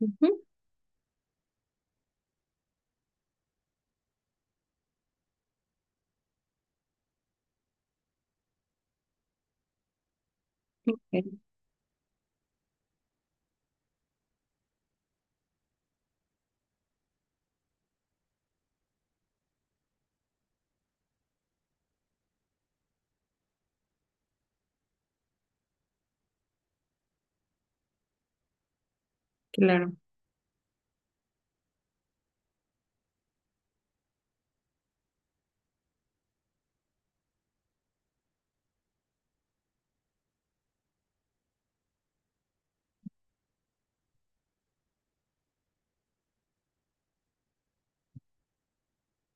Ujú. Ok. Claro.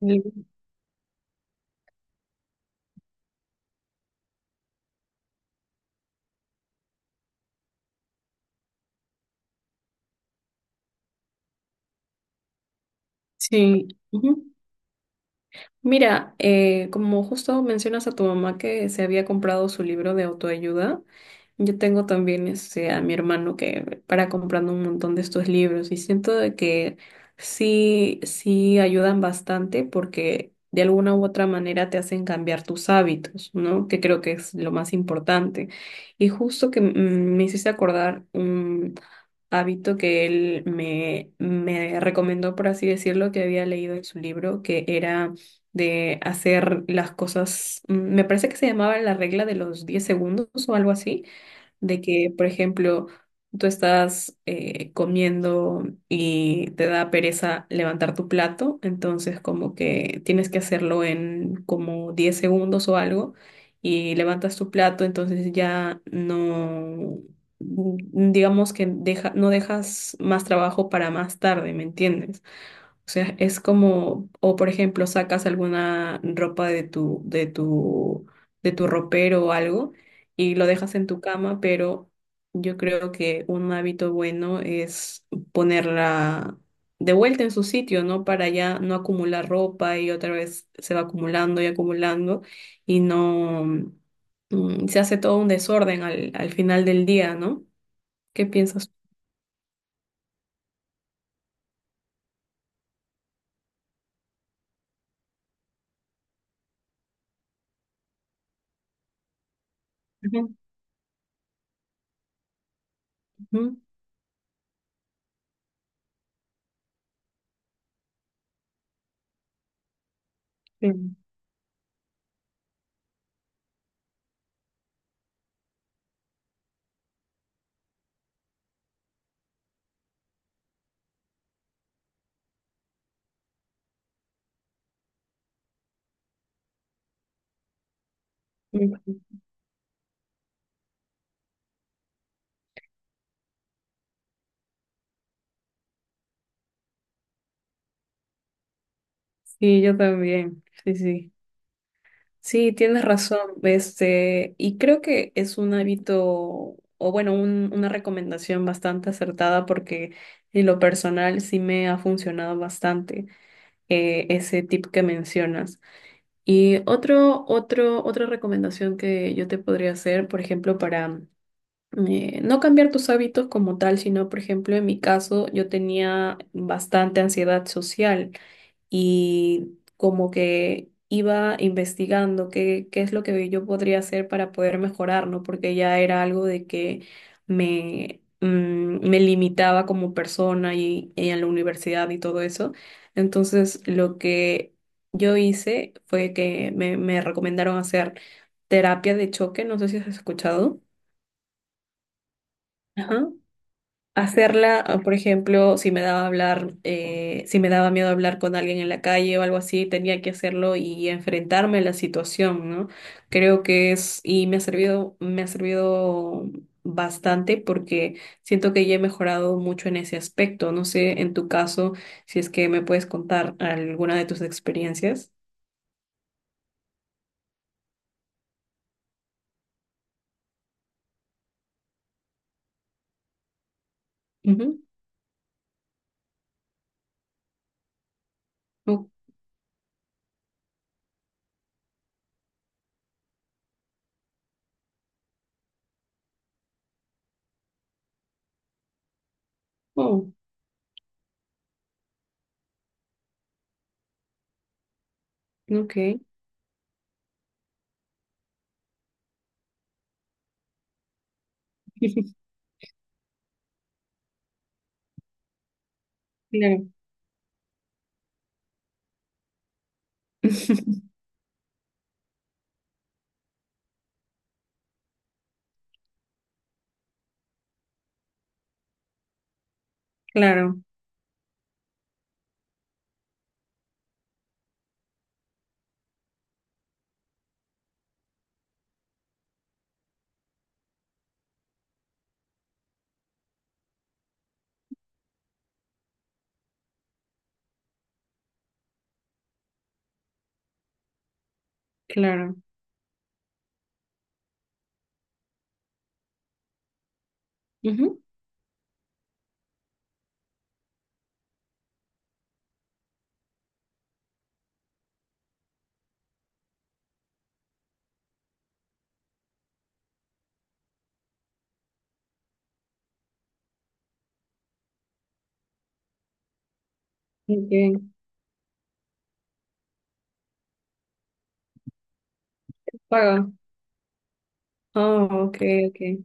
El- Sí. Ujú. Mira, como justo mencionas a tu mamá que se había comprado su libro de autoayuda. Yo tengo también, a mi hermano que para comprando un montón de estos libros y siento de que sí, sí ayudan bastante porque de alguna u otra manera te hacen cambiar tus hábitos, ¿no? Que creo que es lo más importante. Y justo que me hiciste acordar un hábito que él me recomendó, por así decirlo, que había leído en su libro, que era de hacer las cosas, me parece que se llamaba la regla de los 10 segundos o algo así. De que, por ejemplo, tú estás comiendo y te da pereza levantar tu plato, entonces como que tienes que hacerlo en como 10 segundos o algo, y levantas tu plato. Entonces ya no, digamos que deja, no dejas más trabajo para más tarde, ¿me entiendes? O sea, es como, o por ejemplo, sacas alguna ropa de tu, ropero o algo, y lo dejas en tu cama. Pero yo creo que un hábito bueno es ponerla de vuelta en su sitio, ¿no? Para ya no acumular ropa y otra vez se va acumulando y acumulando, y no, se hace todo un desorden al final del día, ¿no? ¿Qué piensas? Ujú, ujú, sí, ujú. Sí, yo también, sí, sí. Sí, tienes razón, y creo que es un hábito, o bueno, una recomendación bastante acertada, porque en lo personal sí me ha funcionado bastante ese tip que mencionas. Y otra recomendación que yo te podría hacer, por ejemplo, para no cambiar tus hábitos como tal, sino, por ejemplo, en mi caso, yo tenía bastante ansiedad social y como que iba investigando qué es lo que yo podría hacer para poder mejorar, ¿no? Porque ya era algo de que me, mm, me limitaba como persona, y en la universidad y todo eso. Entonces, lo que yo hice fue que me recomendaron hacer terapia de choque, no sé si has escuchado. Ajá, hacerla. O, por ejemplo, si me daba miedo hablar con alguien en la calle o algo así, tenía que hacerlo y enfrentarme a la situación, ¿no? Y me ha servido bastante, porque siento que ya he mejorado mucho en ese aspecto. No sé, en tu caso, si es que me puedes contar alguna de tus experiencias. Ujú. Oh, oh, ok. Claro. Claro, claro. Ujú. Ok. Paga. Oh, ok, ok.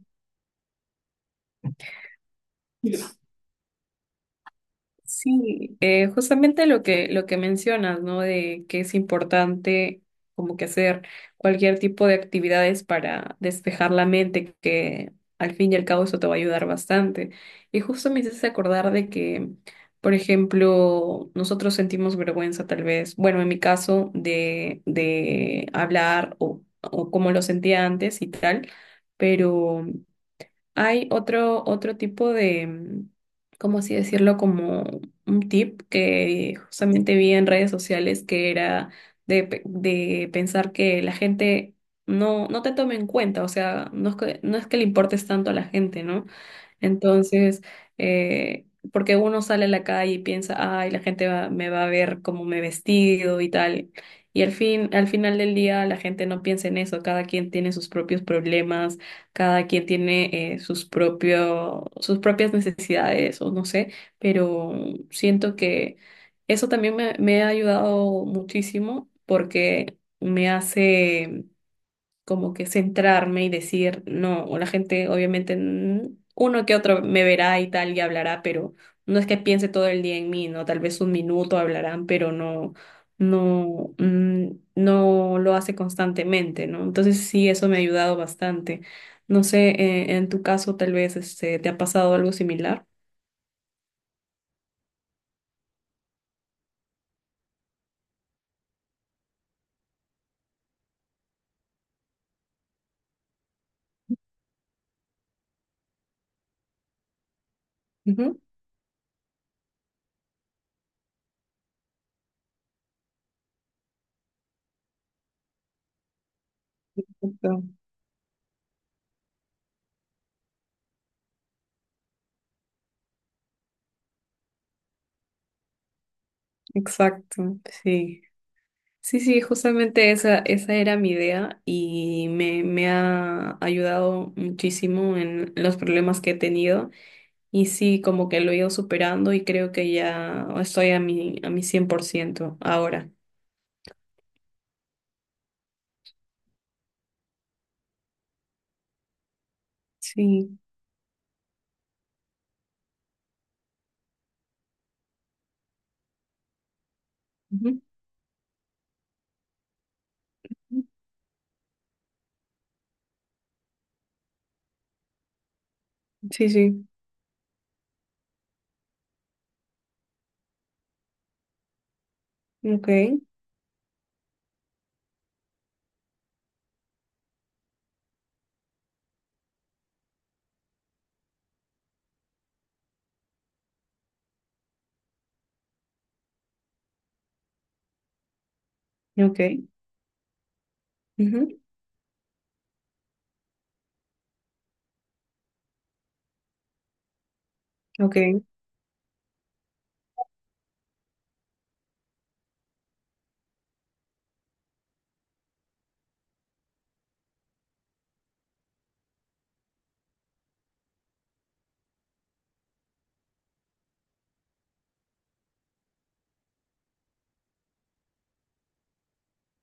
Sí, justamente lo que mencionas, ¿no? De que es importante como que hacer cualquier tipo de actividades para despejar la mente, que al fin y al cabo eso te va a ayudar bastante. Y justo me hiciste acordar de que, por ejemplo, nosotros sentimos vergüenza tal vez, bueno, en mi caso, de hablar, o como lo sentía antes y tal, pero. Hay otro tipo de, ¿cómo así decirlo? Como un tip que justamente vi en redes sociales que era de pensar que la gente no te tome en cuenta. O sea, no es que le importes tanto a la gente, ¿no? Entonces, eh, porque uno sale a la calle y piensa, ay, la gente me va a ver cómo me he vestido y tal. Y al fin, al final del día, la gente no piensa en eso. Cada quien tiene sus propios problemas, cada quien tiene sus propias necesidades o no sé, pero siento que eso también me ha ayudado muchísimo, porque me hace como que centrarme y decir, no, o la gente obviamente uno que otro me verá y tal y hablará, pero no es que piense todo el día en mí, ¿no? Tal vez un minuto hablarán, pero no, mm, no lo hace constantemente, ¿no? Entonces sí, eso me ha ayudado bastante. No sé, en tu caso tal vez te ha pasado algo similar. Ujú. Exacto, exacto, sí. Sí, sí, justamente esa era mi idea y me ha ayudado muchísimo en los problemas que he tenido, y sí, como que lo he ido superando y creo que ya estoy a mi 100% ahora. Sí, ujú, sí, sí, ok, ok, ujú, ok,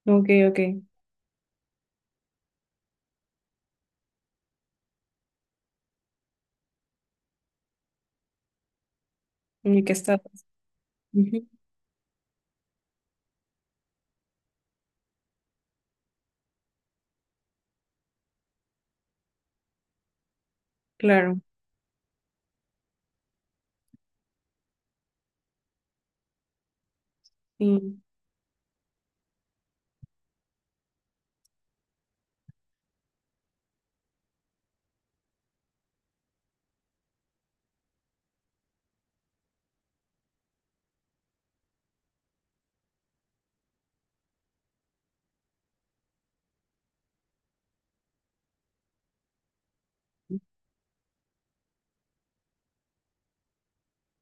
ok, ok, y que estás, ujú, claro, sí,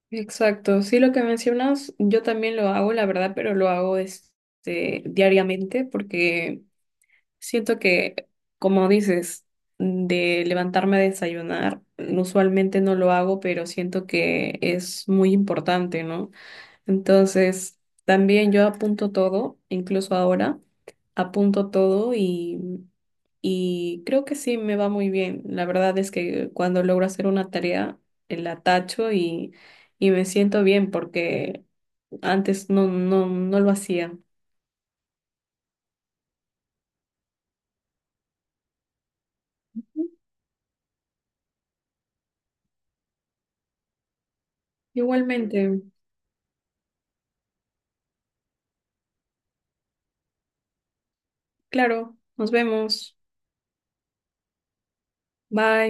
exacto, sí, lo que mencionas, yo también lo hago, la verdad, pero lo hago, diariamente, porque siento que, como dices, de levantarme a desayunar, usualmente no lo hago, pero siento que es muy importante, ¿no? Entonces, también yo apunto todo, incluso ahora, apunto todo y creo que sí me va muy bien. La verdad es que cuando logro hacer una tarea, la tacho, y me siento bien, porque antes no lo hacía. Igualmente, claro, nos vemos. Bye.